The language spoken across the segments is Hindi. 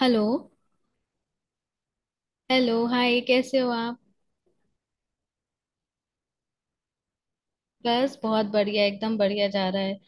हेलो। हेलो, हाय, कैसे हो आप। बस बहुत बढ़िया, एकदम बढ़िया जा रहा है।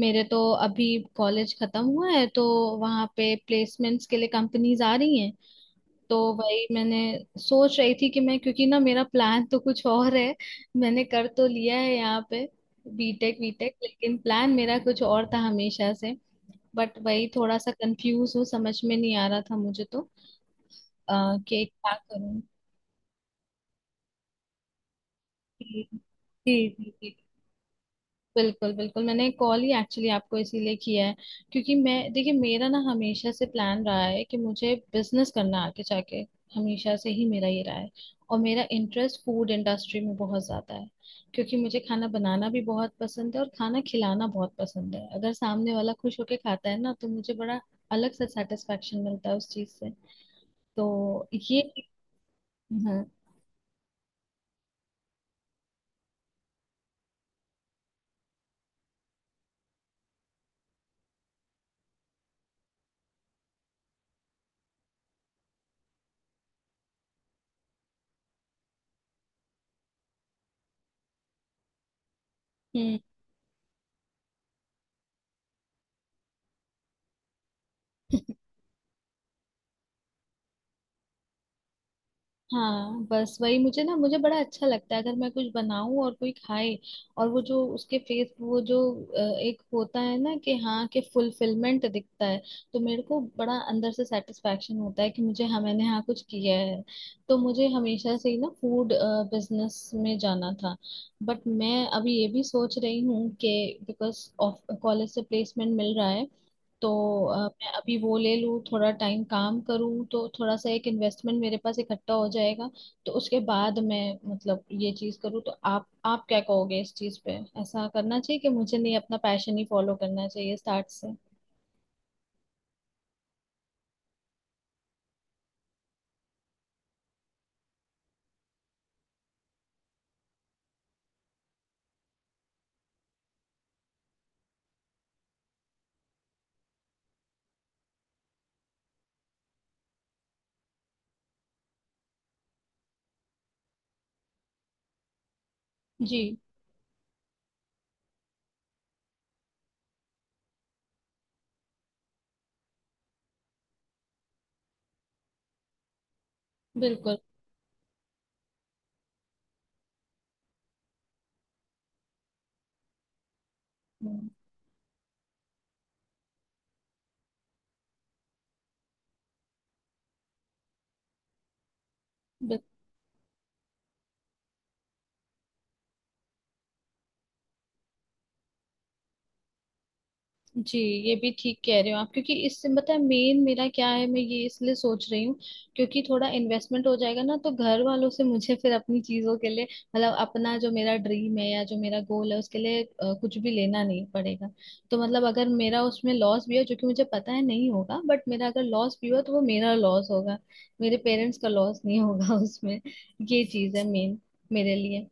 मेरे तो अभी कॉलेज खत्म हुआ है, तो वहाँ पे प्लेसमेंट्स के लिए कंपनीज आ रही हैं। तो वही मैंने सोच रही थी कि मैं, क्योंकि ना मेरा प्लान तो कुछ और है। मैंने कर तो लिया है यहाँ पे बीटेक वीटेक, लेकिन प्लान मेरा कुछ और था हमेशा से। बट वही थोड़ा सा कंफ्यूज हूँ, समझ में नहीं आ रहा था कि क्या करूँ। जी जी जी जी। बिल्कुल बिल्कुल, मैंने कॉल ही एक्चुअली आपको इसीलिए किया है, क्योंकि मैं देखिए मेरा ना हमेशा से प्लान रहा है कि मुझे बिजनेस करना है आगे जाके। हमेशा से ही मेरा ये रहा है। और मेरा इंटरेस्ट फूड इंडस्ट्री में बहुत ज्यादा है, क्योंकि मुझे खाना बनाना भी बहुत पसंद है और खाना खिलाना बहुत पसंद है। अगर सामने वाला खुश होके खाता है ना, तो मुझे बड़ा अलग सा सेटिस्फेक्शन मिलता है उस चीज से। तो ये हाँ। हम्म। हाँ, बस वही मुझे ना, मुझे बड़ा अच्छा लगता है अगर मैं कुछ बनाऊं और कोई खाए। और वो जो उसके फेस, वो जो एक होता है ना कि हाँ कि फुलफिलमेंट दिखता है। तो मेरे को बड़ा अंदर से सेटिस्फेक्शन होता है कि मुझे हाँ मैंने, हाँ, कुछ किया है। तो मुझे हमेशा से ही ना फूड बिजनेस में जाना था। बट मैं अभी ये भी सोच रही हूँ कि बिकॉज ऑफ कॉलेज से प्लेसमेंट मिल रहा है, तो मैं अभी वो ले लूँ, थोड़ा टाइम काम करूँ, तो थोड़ा सा एक इन्वेस्टमेंट मेरे पास इकट्ठा हो जाएगा। तो उसके बाद मैं मतलब ये चीज़ करूँ, तो आप क्या कहोगे इस चीज़ पे। ऐसा करना चाहिए कि मुझे, नहीं, अपना पैशन ही फॉलो करना चाहिए स्टार्ट से। जी बिल्कुल। हम्म, जी। ये भी ठीक कह रहे हो आप, क्योंकि इससे मतलब मेन मेरा क्या है, मैं ये इसलिए सोच रही हूँ, क्योंकि थोड़ा इन्वेस्टमेंट हो जाएगा ना, तो घर वालों से मुझे फिर अपनी चीजों के लिए, मतलब अपना जो मेरा ड्रीम है या जो मेरा गोल है उसके लिए, कुछ भी लेना नहीं पड़ेगा। तो मतलब अगर मेरा उसमें लॉस भी हो, जो कि मुझे पता है नहीं होगा, बट मेरा अगर लॉस भी हुआ, तो वो मेरा लॉस होगा, मेरे पेरेंट्स का लॉस नहीं होगा उसमें। ये चीज है मेन मेरे लिए।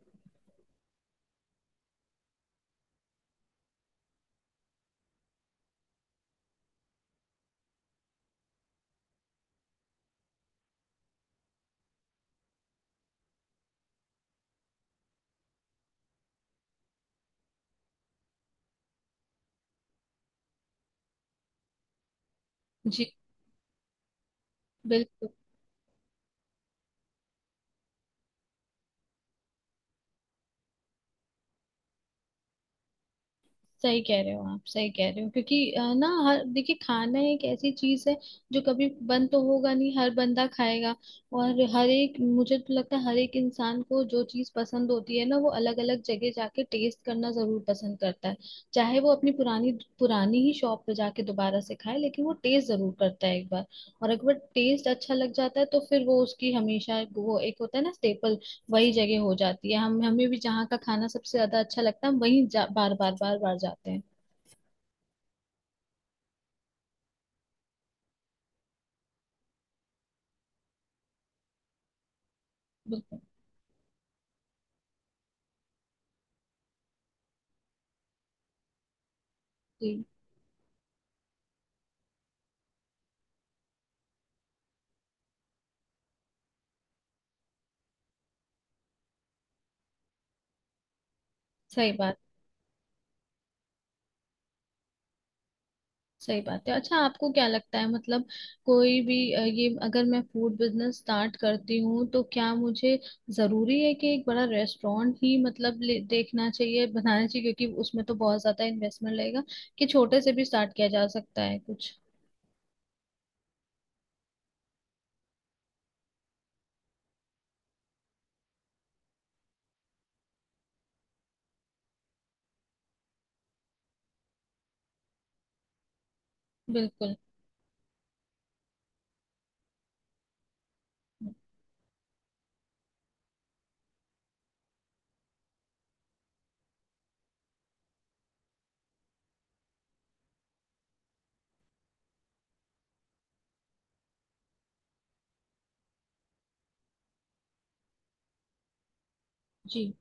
जी बिल्कुल, सही कह रहे हो आप, सही कह रहे हो। क्योंकि ना हर, देखिए, खाना एक ऐसी चीज है जो कभी बंद तो होगा नहीं, हर बंदा खाएगा। और हर एक, मुझे तो लगता है हर एक इंसान को जो चीज पसंद होती है ना, वो अलग अलग जगह जाके टेस्ट करना जरूर पसंद करता है। चाहे वो अपनी पुरानी पुरानी ही शॉप पे जाके दोबारा से खाए, लेकिन वो टेस्ट जरूर करता है एक बार। और एक बार टेस्ट अच्छा लग जाता है, तो फिर वो उसकी हमेशा, वो एक होता है ना स्टेपल, वही जगह हो जाती है। हम हमें भी जहाँ का खाना सबसे ज्यादा अच्छा लगता है, हम वहीं बार बार बार बार जाते हैं। बिल्कुल। जी, सही बात, सही बात है। अच्छा, आपको क्या लगता है मतलब कोई भी, ये अगर मैं फूड बिजनेस स्टार्ट करती हूँ, तो क्या मुझे जरूरी है कि एक बड़ा रेस्टोरेंट ही, मतलब देखना चाहिए, बनाना चाहिए, क्योंकि उसमें तो बहुत ज्यादा इन्वेस्टमेंट लगेगा। कि छोटे से भी स्टार्ट किया जा सकता है कुछ। बिल्कुल। जी,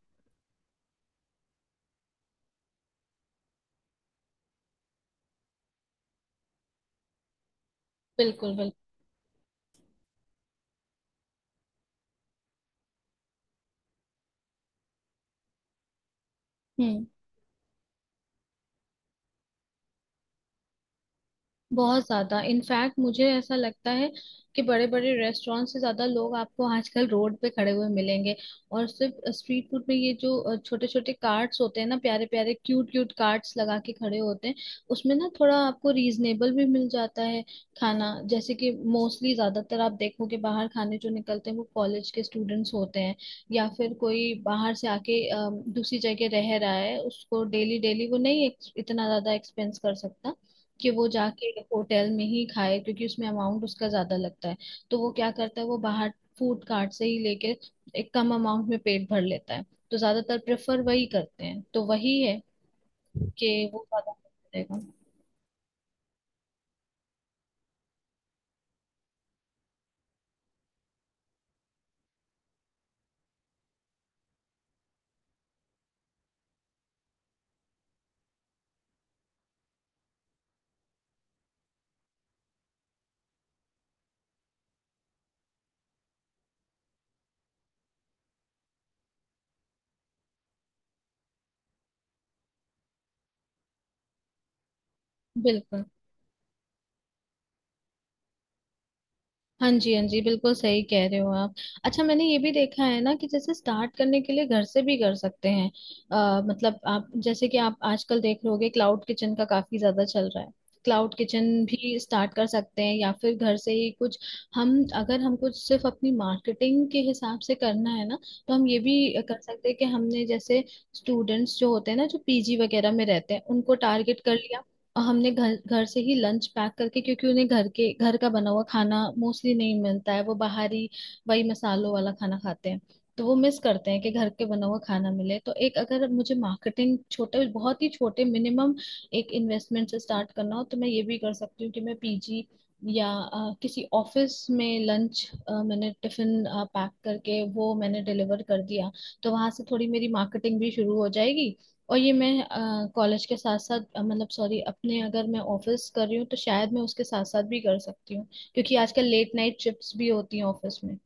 बिल्कुल बिल्कुल। हम्म। बहुत ज्यादा, इनफैक्ट मुझे ऐसा लगता है कि बड़े बड़े रेस्टोरेंट से ज्यादा लोग आपको आजकल रोड पे खड़े हुए मिलेंगे। और सिर्फ स्ट्रीट फूड में, ये जो छोटे छोटे कार्ट्स होते हैं ना, प्यारे प्यारे क्यूट क्यूट कार्ट्स लगा के खड़े होते हैं, उसमें ना थोड़ा आपको रीजनेबल भी मिल जाता है खाना। जैसे कि मोस्टली ज्यादातर आप देखोगे, बाहर खाने जो निकलते हैं वो कॉलेज के स्टूडेंट्स होते हैं, या फिर कोई बाहर से आके दूसरी जगह रह रहा है, उसको डेली डेली वो नहीं इतना ज्यादा एक्सपेंस कर सकता कि वो जाके होटल में ही खाए, क्योंकि उसमें अमाउंट उसका ज्यादा लगता है। तो वो क्या करता है, वो बाहर फूड कार्ट से ही लेके एक कम अमाउंट में पेट भर लेता है। तो ज्यादातर प्रेफर वही करते हैं, तो वही है कि वो ज्यादा करेगा। बिल्कुल। हाँ जी, हाँ जी, बिल्कुल सही कह रहे हो आप। अच्छा, मैंने ये भी देखा है ना कि जैसे स्टार्ट करने के लिए घर से भी कर सकते हैं। मतलब आप जैसे कि, आप आजकल देख लोगे क्लाउड किचन का काफी ज्यादा चल रहा है। क्लाउड किचन भी स्टार्ट कर सकते हैं, या फिर घर से ही कुछ। हम, अगर हमको सिर्फ अपनी मार्केटिंग के हिसाब से करना है ना, तो हम ये भी कर सकते हैं कि हमने जैसे स्टूडेंट्स जो होते हैं ना, जो पीजी वगैरह में रहते हैं, उनको टारगेट कर लिया, और हमने घर, घर से ही लंच पैक करके, क्योंकि उन्हें घर के, घर का बना हुआ खाना मोस्टली नहीं मिलता है, वो बाहरी वही मसालों वाला खाना खाते हैं। तो वो मिस करते हैं कि घर के बना हुआ खाना मिले। तो एक, अगर मुझे मार्केटिंग छोटे, बहुत ही छोटे मिनिमम एक इन्वेस्टमेंट से स्टार्ट करना हो, तो मैं ये भी कर सकती हूँ कि मैं पीजी या किसी ऑफिस में लंच, मैंने टिफिन पैक करके वो मैंने डिलीवर कर दिया, तो वहां से थोड़ी मेरी मार्केटिंग भी शुरू हो जाएगी। और ये मैं कॉलेज के साथ साथ, मतलब सॉरी अपने, अगर मैं ऑफिस कर रही हूँ, तो शायद मैं उसके साथ साथ भी कर सकती हूँ, क्योंकि आजकल लेट नाइट शिफ्ट्स भी होती हैं ऑफिस में।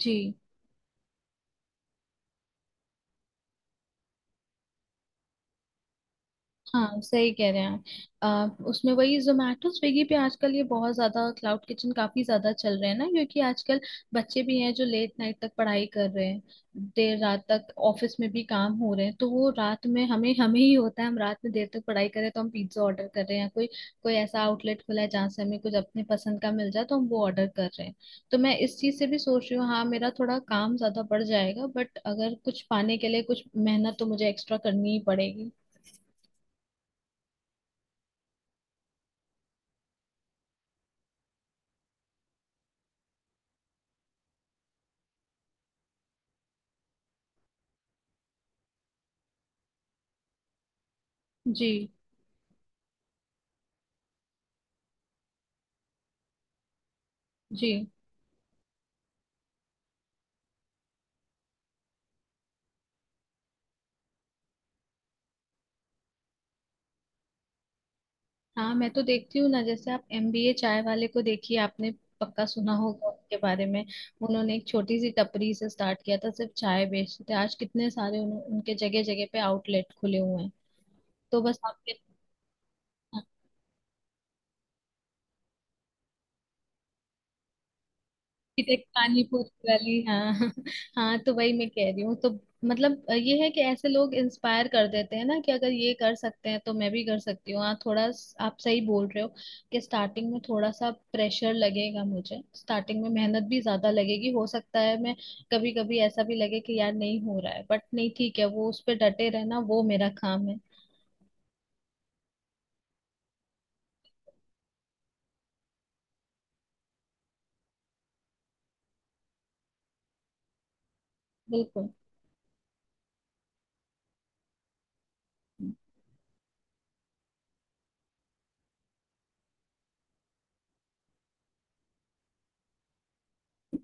जी हाँ, सही कह रहे हैं आप। उसमें वही जोमेटो स्विगी पे आजकल ये बहुत ज्यादा क्लाउड किचन काफी ज्यादा चल रहे हैं ना, क्योंकि आजकल बच्चे भी हैं जो लेट नाइट तक पढ़ाई कर रहे हैं, देर रात तक ऑफिस में भी काम हो रहे हैं, तो वो रात में, हमें हमें ही होता है, हम रात में देर तक पढ़ाई कर रहे हैं तो हम पिज्जा ऑर्डर कर रहे हैं। कोई कोई ऐसा आउटलेट खुला है जहाँ से हमें कुछ अपने पसंद का मिल जाए, तो हम वो ऑर्डर कर रहे हैं। तो मैं इस चीज से भी सोच रही हूँ, हाँ मेरा थोड़ा काम ज्यादा बढ़ जाएगा, बट अगर कुछ पाने के लिए कुछ मेहनत तो मुझे एक्स्ट्रा करनी ही पड़ेगी। जी जी। हाँ मैं तो देखती हूँ ना, जैसे आप एमबीए चाय वाले को देखिए, आपने पक्का सुना होगा उनके बारे में। उन्होंने एक छोटी सी टपरी से स्टार्ट किया था, सिर्फ चाय बेचते थे, आज कितने सारे उनके जगह जगह पे आउटलेट खुले हुए हैं। तो बस आपके, खिचक पानीपुरी वाली, हाँ हाँ, तो वही मैं कह रही हूँ। तो मतलब ये है कि ऐसे लोग इंस्पायर कर देते हैं ना कि अगर ये कर सकते हैं, तो मैं भी कर सकती हूँ। हाँ, थोड़ा आप सही बोल रहे हो कि स्टार्टिंग में थोड़ा सा प्रेशर लगेगा मुझे, स्टार्टिंग में मेहनत भी ज्यादा लगेगी, हो सकता है मैं कभी कभी ऐसा भी लगे कि यार नहीं हो रहा है, बट नहीं, ठीक है, वो उस पर डटे रहना वो मेरा काम है। बिल्कुल,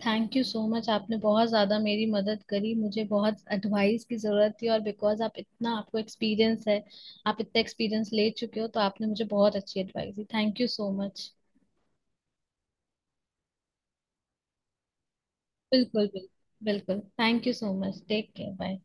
थैंक यू सो मच, आपने बहुत ज़्यादा मेरी मदद करी, मुझे बहुत एडवाइस की ज़रूरत थी। और बिकॉज आप इतना, आपको एक्सपीरियंस है, आप इतना एक्सपीरियंस ले चुके हो, तो आपने मुझे बहुत अच्छी एडवाइस दी, थैंक यू सो मच। बिल्कुल बिल्कुल। बिल्कुल, thank you so much, take care, bye.